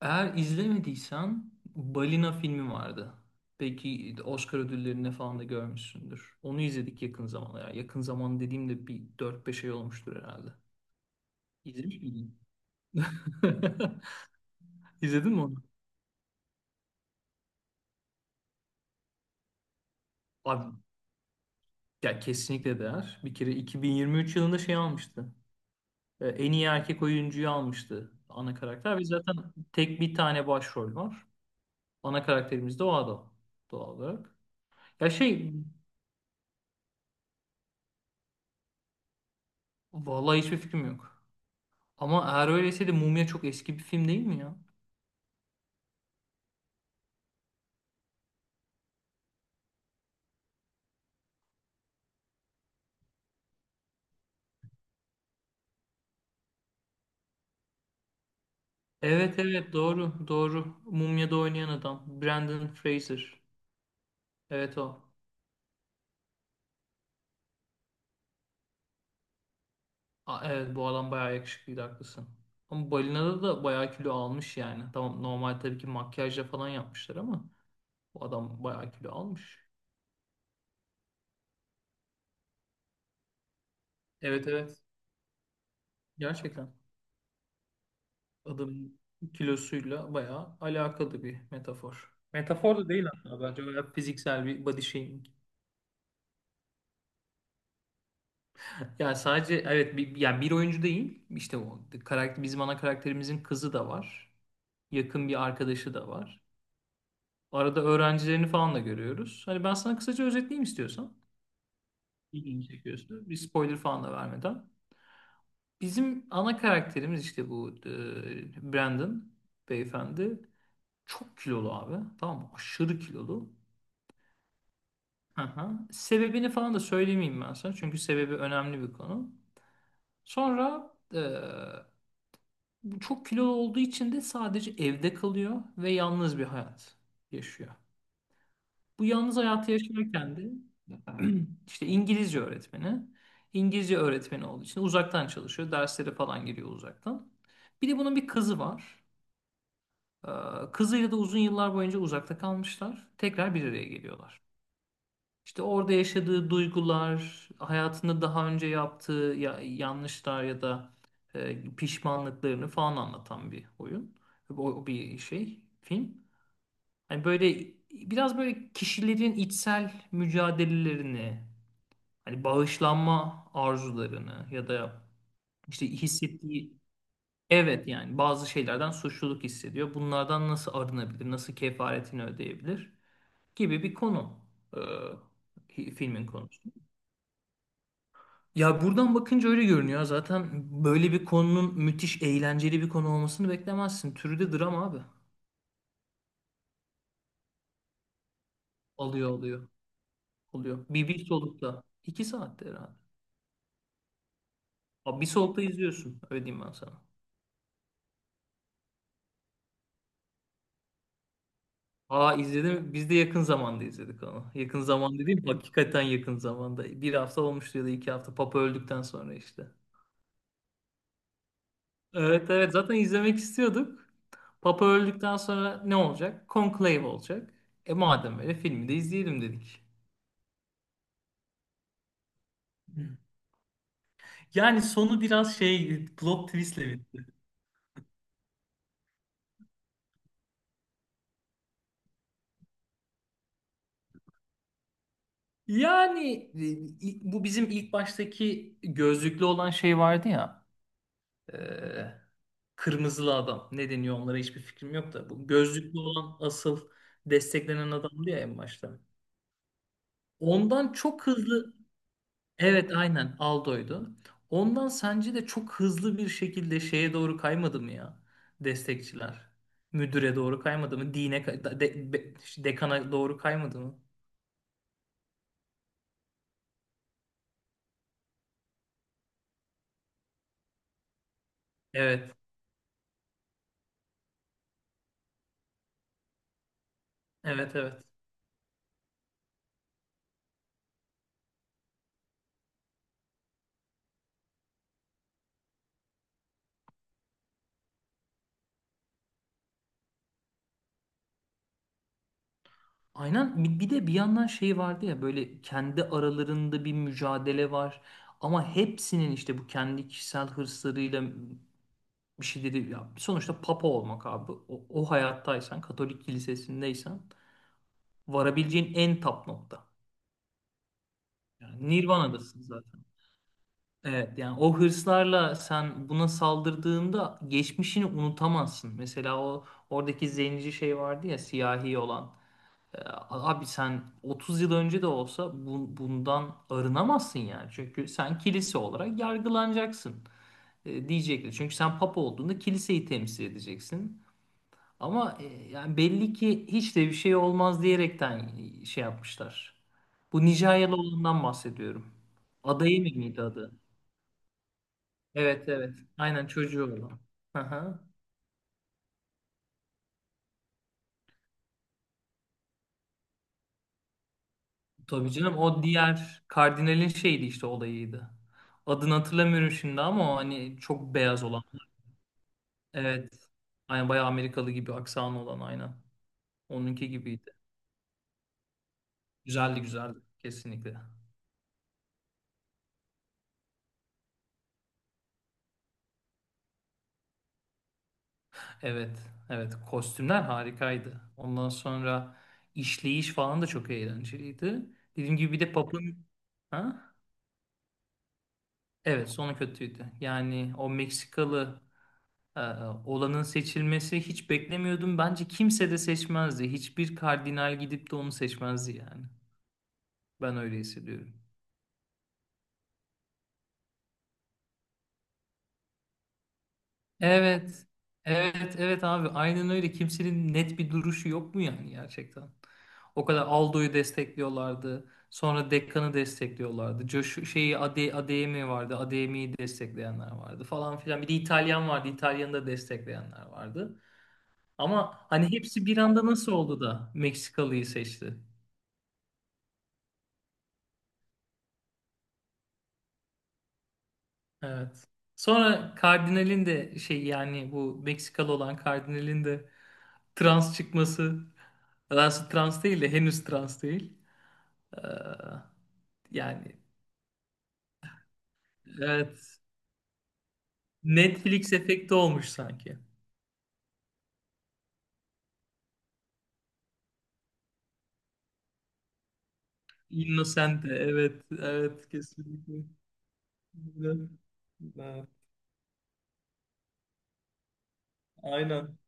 Eğer izlemediysen Balina filmi vardı. Belki Oscar ödüllerine falan da görmüşsündür. Onu izledik yakın zamanda. Ya, yakın zaman dediğimde bir dört beş ay olmuştur herhalde. İzlemiş miydin? İzledin mi onu? Abi ya kesinlikle değer. Bir kere 2023 yılında şey almıştı. En iyi erkek oyuncuyu almıştı ana karakter ve zaten tek bir tane başrol var. Ana karakterimiz de o adam doğal olarak. Ya şey, vallahi hiçbir fikrim yok. Ama eğer öyleyse de Mumya çok eski bir film değil mi ya? Evet evet, doğru doğru. Mumya'da oynayan adam. Brandon Fraser. Evet o. A- evet, bu adam bayağı yakışıklıydı, haklısın. Ama Balina'da da bayağı kilo almış yani. Tamam, normal tabii ki makyajla falan yapmışlar ama bu adam bayağı kilo almış. Evet evet. Gerçekten. Adamın kilosuyla bayağı alakalı bir metafor. Metafor da değil hatta, bence bayağı fiziksel bir body shaming. Yani sadece evet bir oyuncu değil. İşte o karakter, bizim ana karakterimizin kızı da var. Yakın bir arkadaşı da var. Arada öğrencilerini falan da görüyoruz. Hani ben sana kısaca özetleyeyim istiyorsan. İlgini çekiyorsa. Bir spoiler falan da vermeden. Bizim ana karakterimiz işte bu Brandon beyefendi. Çok kilolu abi. Tamam mı? Aşırı kilolu. Hı hı. Sebebini falan da söylemeyeyim ben sana. Çünkü sebebi önemli bir konu. Sonra, çok kilolu olduğu için de sadece evde kalıyor ve yalnız bir hayat yaşıyor. Bu yalnız hayatı yaşarken de işte İngilizce öğretmeni. İngilizce öğretmeni olduğu için uzaktan çalışıyor. Derslere falan giriyor uzaktan. Bir de bunun bir kızı var. Ee, Kızıyla da uzun yıllar boyunca uzakta kalmışlar. Tekrar bir araya geliyorlar. İşte orada yaşadığı duygular, hayatında daha önce yaptığı yanlışlar ya da pişmanlıklarını falan anlatan bir oyun. O, bir şey, film. Hani böyle biraz böyle kişilerin içsel mücadelelerini, hani bağışlanma arzularını ya da işte hissettiği, evet yani bazı şeylerden suçluluk hissediyor. Bunlardan nasıl arınabilir, nasıl kefaretini ödeyebilir gibi bir konu, e, filmin konusu. Ya buradan bakınca öyle görünüyor. Zaten böyle bir konunun müthiş eğlenceli bir konu olmasını beklemezsin. Türü de drama abi. Alıyor alıyor. Oluyor. Bir solukta. İki saatte herhalde. Abi bir solukta izliyorsun. Öyle diyeyim ben sana. Aa, izledim. Biz de yakın zamanda izledik onu. Yakın zaman dediğim hakikaten yakın zamanda. Bir hafta olmuştu ya da iki hafta. Papa öldükten sonra işte. Evet evet, zaten izlemek istiyorduk. Papa öldükten sonra ne olacak? Conclave olacak. E madem öyle, filmi de izleyelim dedik. Hı. Yani sonu biraz şey plot twist'le bitti. Yani, bu bizim ilk baştaki gözlüklü olan şey vardı ya. e, Kırmızılı adam. Ne deniyor onlara hiçbir fikrim yok da. Bu gözlüklü olan asıl desteklenen adamdı ya en başta. Ondan çok hızlı, evet aynen Aldo'ydu. Ondan sence de çok hızlı bir şekilde şeye doğru kaymadı mı ya destekçiler? Müdüre doğru kaymadı mı? Dine kay- de- be- Dekana doğru kaymadı mı? Evet. Evet evet. Aynen. Bir de bir yandan şey vardı ya, böyle kendi aralarında bir mücadele var ama hepsinin işte bu kendi kişisel hırslarıyla bir şeyleri, ya sonuçta papa olmak abi, o hayattaysan Katolik kilisesindeysen varabileceğin en tap nokta. Yani Nirvana'dasın zaten. Evet yani o hırslarla sen buna saldırdığında geçmişini unutamazsın. Mesela o oradaki zenci şey vardı ya, siyahi olan. E, Abi sen 30 yıl önce de olsa bundan arınamazsın yani. Çünkü sen kilise olarak yargılanacaksın, diyecekler. Çünkü sen papa olduğunda kiliseyi temsil edeceksin. Ama yani belli ki hiç de bir şey olmaz diyerekten şey yapmışlar. Bu Nijeryalı olandan bahsediyorum. Adayı mıydı adı? Evet evet. Aynen çocuğu olan. Hı hı. Tabii canım, o diğer kardinalin şeydi işte, olayıydı. Adını hatırlamıyorum şimdi ama o hani çok beyaz olan. Evet. Aynen bayağı Amerikalı gibi aksanı olan, aynen. Onunki gibiydi. Güzeldi güzeldi. Kesinlikle. Evet. Evet. Kostümler harikaydı. Ondan sonra işleyiş falan da çok eğlenceliydi. Dediğim gibi, bir de Pap'ın, ha? Evet, sonu kötüydü. Yani o Meksikalı e, olanın seçilmesi, hiç beklemiyordum. Bence kimse de seçmezdi. Hiçbir kardinal gidip de onu seçmezdi yani. Ben öyle hissediyorum. Evet. Evet, evet abi. Aynen öyle. Kimsenin net bir duruşu yok mu yani gerçekten? O kadar Aldo'yu destekliyorlardı. Sonra Dekkan'ı destekliyorlardı. Josh şeyi Adeyemi vardı. Adeyemi'yi destekleyenler vardı falan filan. Bir de İtalyan vardı. İtalyan'ı da destekleyenler vardı. Ama hani hepsi bir anda nasıl oldu da Meksikalıyı seçti? Evet. Sonra kardinalin de şey, yani bu Meksikalı olan kardinalin de trans çıkması. Daha trans değil de, henüz trans değil. Ee, Yani evet, Netflix efekti olmuş sanki. Innocent de, evet evet, kesinlikle. Evet. Evet. Aynen.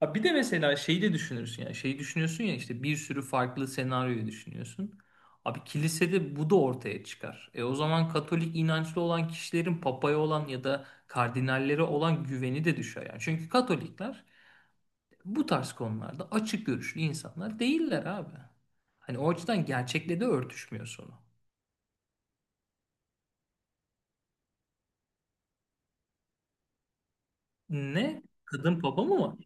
Ha bir de mesela şeyi de düşünürsün yani, şeyi düşünüyorsun ya, işte bir sürü farklı senaryoyu düşünüyorsun. Abi kilisede bu da ortaya çıkar. E o zaman Katolik inançlı olan kişilerin papaya olan ya da kardinallere olan güveni de düşer yani. Çünkü Katolikler bu tarz konularda açık görüşlü insanlar değiller abi. Hani o açıdan gerçekle de örtüşmüyor sonu. Ne? Kadın papa mı var?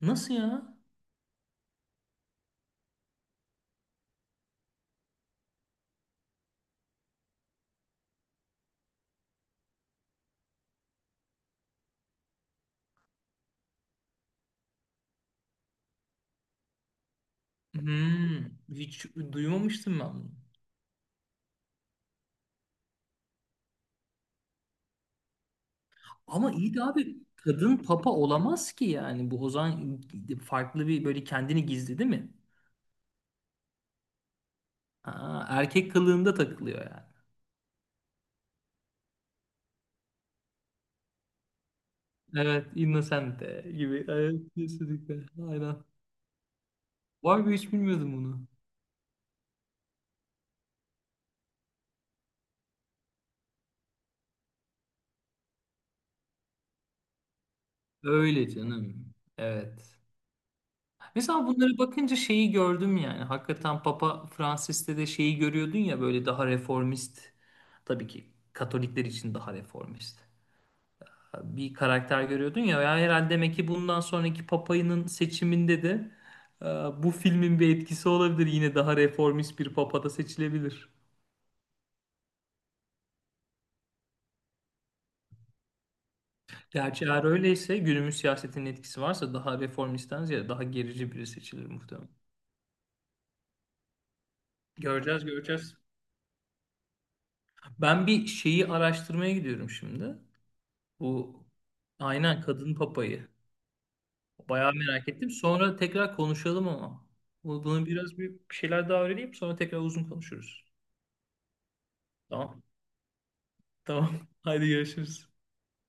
Nasıl ya? Hmm, hiç duymamıştım ben bunu. Ama iyi de abi kadın papa olamaz ki, yani bu o zaman farklı bir, böyle kendini gizledi mi? Ha, erkek kılığında takılıyor yani. Evet, Innocente gibi. Evet, kesinlikle. Aynen. Var mı, hiç bilmiyordum bunu. Öyle canım. Evet. Mesela bunları bakınca şeyi gördüm yani. Hakikaten Papa Francis'te de şeyi görüyordun ya, böyle daha reformist. Tabii ki Katolikler için daha reformist bir karakter görüyordun ya. Ya herhalde demek ki bundan sonraki Papa'nın seçiminde de e, bu filmin bir etkisi olabilir. Yine daha reformist bir Papa da seçilebilir. Gerçi eğer öyleyse, günümüz siyasetinin etkisi varsa, daha reformistten ziyade daha gerici biri seçilir muhtemelen. Göreceğiz, göreceğiz. Ben bir şeyi araştırmaya gidiyorum şimdi. Bu, aynen, kadın papayı. Bayağı merak ettim. Sonra tekrar konuşalım ama. Bunu biraz bir şeyler daha öğreneyim. Sonra tekrar uzun konuşuruz. Tamam. Tamam. Haydi görüşürüz.